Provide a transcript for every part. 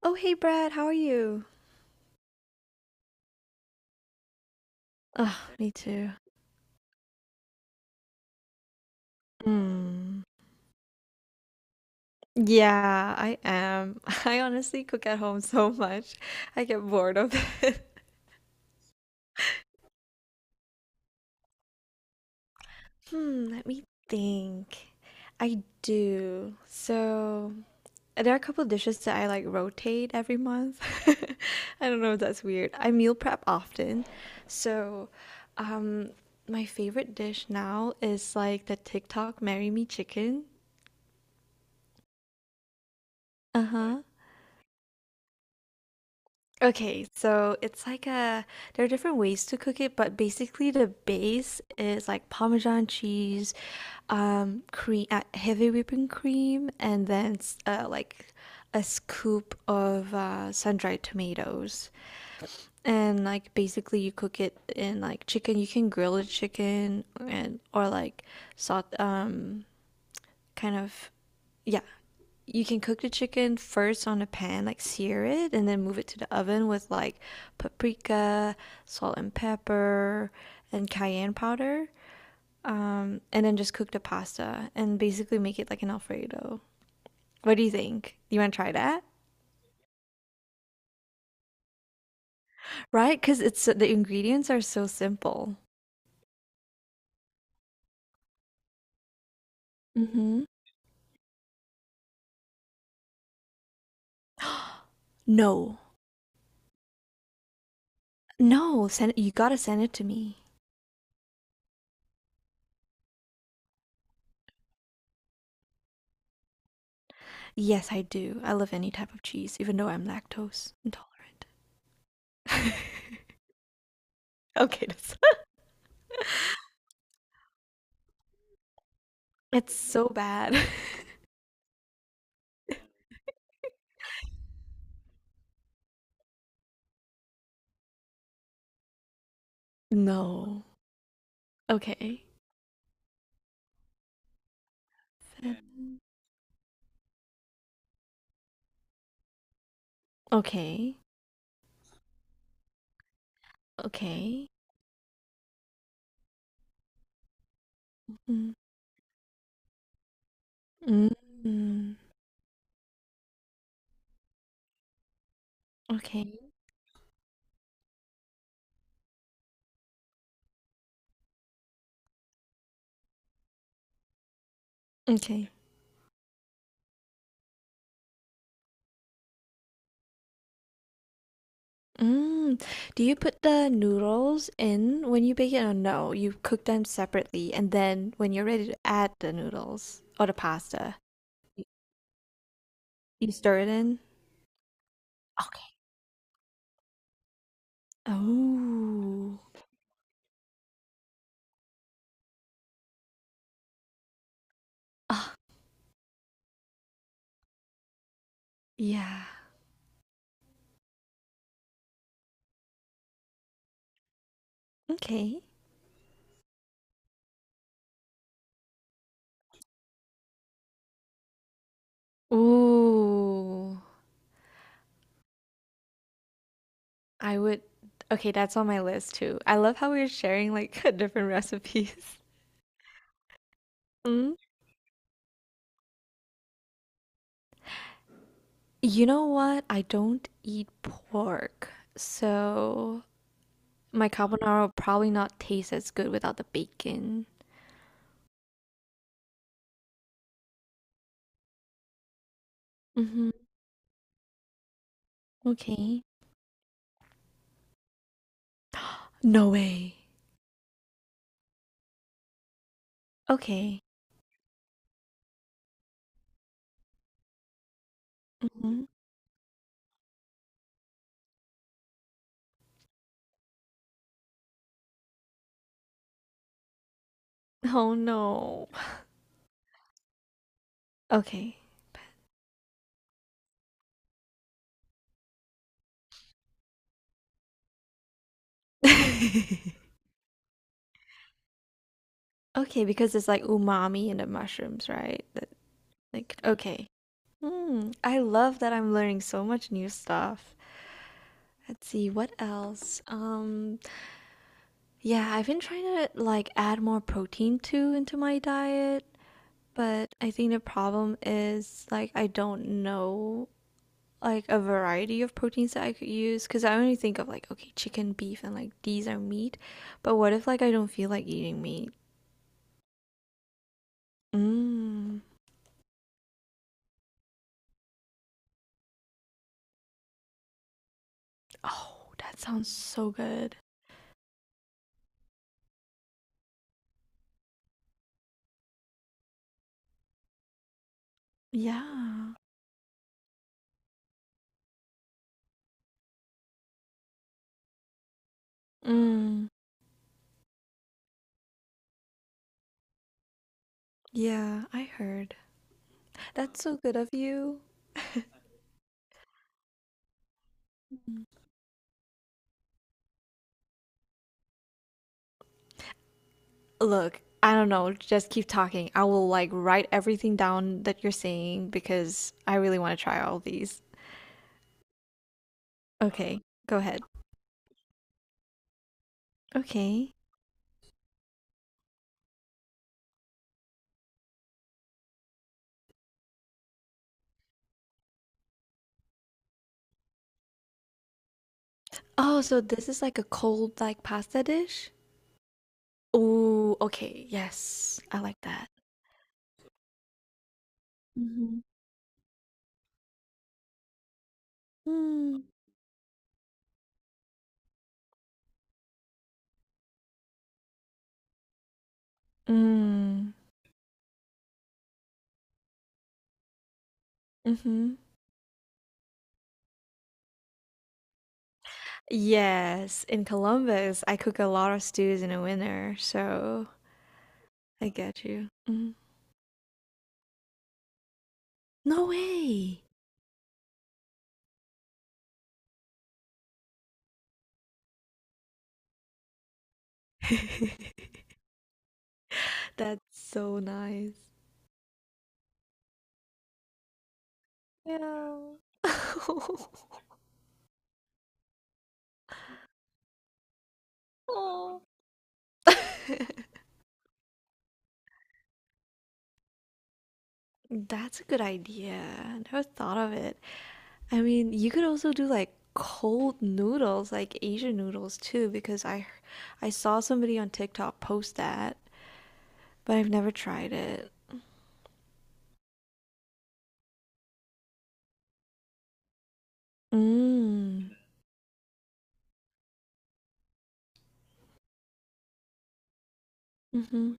Oh, hey Brad, how are you? Ugh, me too. Mm. Yeah, I am. I honestly cook at home so much. I get bored of it. Hmm, let me think. I do. So, there are a couple dishes that I like rotate every month. I don't know if that's weird. I meal prep often. So, um, my favorite dish now is like the TikTok Marry Me Chicken. Uh-huh. Okay, so it's like a there are different ways to cook it, but basically the base is like Parmesan cheese, cream, heavy whipping cream, and then like a scoop of sun-dried tomatoes. And like basically you cook it in like chicken. You can grill the chicken and or like salt, kind of yeah, you can cook the chicken first on a pan, like sear it, and then move it to the oven with like paprika, salt and pepper, and cayenne powder. And then just cook the pasta and basically make it like an Alfredo. What do you think? You want to try that? Right? Because the ingredients are so simple. Mm-hmm. No, no, send it, you gotta send it to me. Yes, I do. I love any type of cheese, even though I'm lactose intolerant. Okay, that's It's so bad. No. Okay. Seven. Okay. Okay. Mm. Mm. Mm. Okay. Okay. Mm. Do you put the noodles in when you bake it or no? You cook them separately and then when you're ready to add the noodles or the pasta, y- you stir it in? Okay. Oh. Ah, yeah. Okay. Ooh. I would Okay, that's on my list too. I love how we're sharing like different recipes. Mm. You know what? I don't eat pork, so my carbonara will probably not taste as good without the bacon. Mm-hmm. Okay. No way. Okay. Hmm. Oh no. Okay. Okay, because it's like umami in the mushrooms, right? That like okay. Hmm. I love that I'm learning so much new stuff. Let's see what else. Yeah, I've been trying to like add more protein too into my diet, but I think the problem is like I don't know like a variety of proteins that I could use because I only think of like okay, chicken, beef, and like these are meat. But what if like I don't feel like eating meat? Mm. Oh, that sounds so good. Yeah. Mm. Yeah, I heard. That's so good of you. Mm. Look, I don't know. Just keep talking. I will like write everything down that you're saying because I really want to try all these. Okay, go ahead. Okay. Oh, so this is like a cold like pasta dish? Ooh, okay. Yes, I like that. Mm-hmm. Mm. Mm. Mm-hmm. Yes, in Columbus, I cook a lot of stews in the winter, so I get you. Mm. No way. That's so nice. Yeah. Oh. That's a good idea. I never thought of it. I mean, you could also do like cold noodles, like Asian noodles too, because I saw somebody on TikTok post that, but I've never tried it. Mm. Mm-hmm.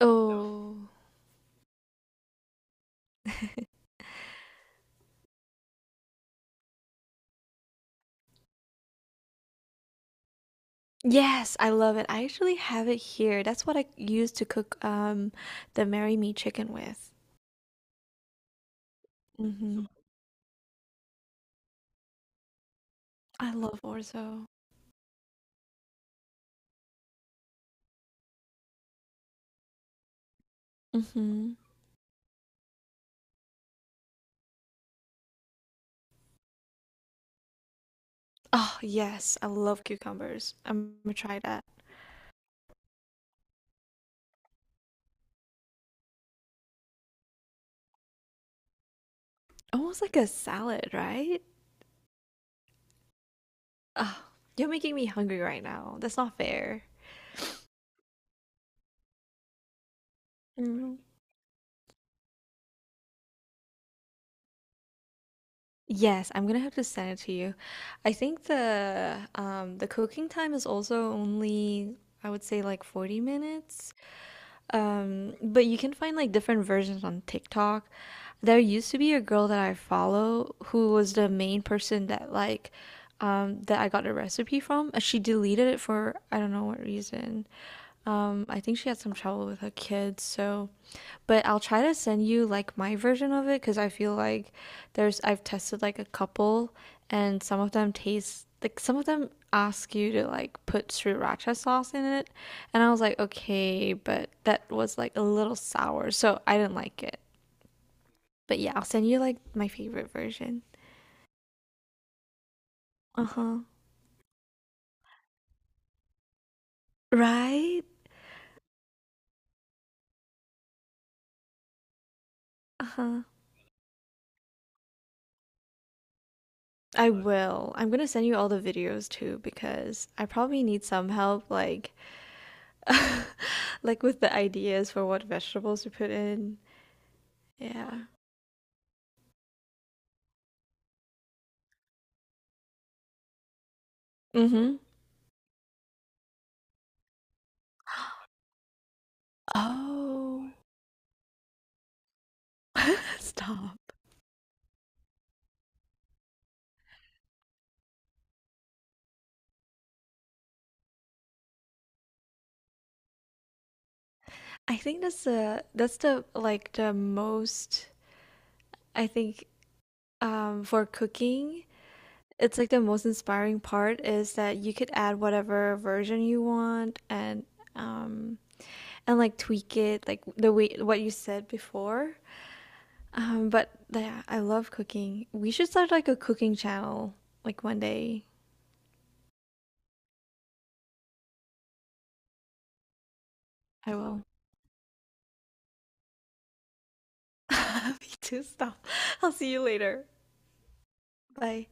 Oh. Yes, I love it. I actually have it here. That's what I use to cook the Marry Me chicken with. Mm-hmm. I love orzo. Mm-hmm. Oh, yes, I love cucumbers. I'm gonna try that. Almost like a salad, right? Oh, you're making me hungry right now. That's not fair. Mm. Yes, I'm gonna have to send it to you. I think the cooking time is also only I would say like 40 minutes. But you can find like different versions on TikTok. There used to be a girl that I follow who was the main person that I got a recipe from. She deleted it for I don't know what reason. I think she had some trouble with her kids, so but I'll try to send you like my version of it because I feel like there's I've tested like a couple and some of them taste like some of them ask you to like put sriracha sauce in it and I was like, okay, but that was like a little sour, so I didn't like it. But yeah, I'll send you like my favorite version. Uh huh. Right? Uh huh. I will. I'm gonna send you all the videos too because I probably need some help, like, like with the ideas for what vegetables to put in. Yeah. Mm-hmm. Oh, stop. I think that's the like the most I think for cooking It's like the most inspiring part is that you could add whatever version you want um and like tweak it like the way what you said before. But yeah, I love cooking. We should start like a cooking channel like one day. I will. Me too. Stop. I'll see you later. Bye.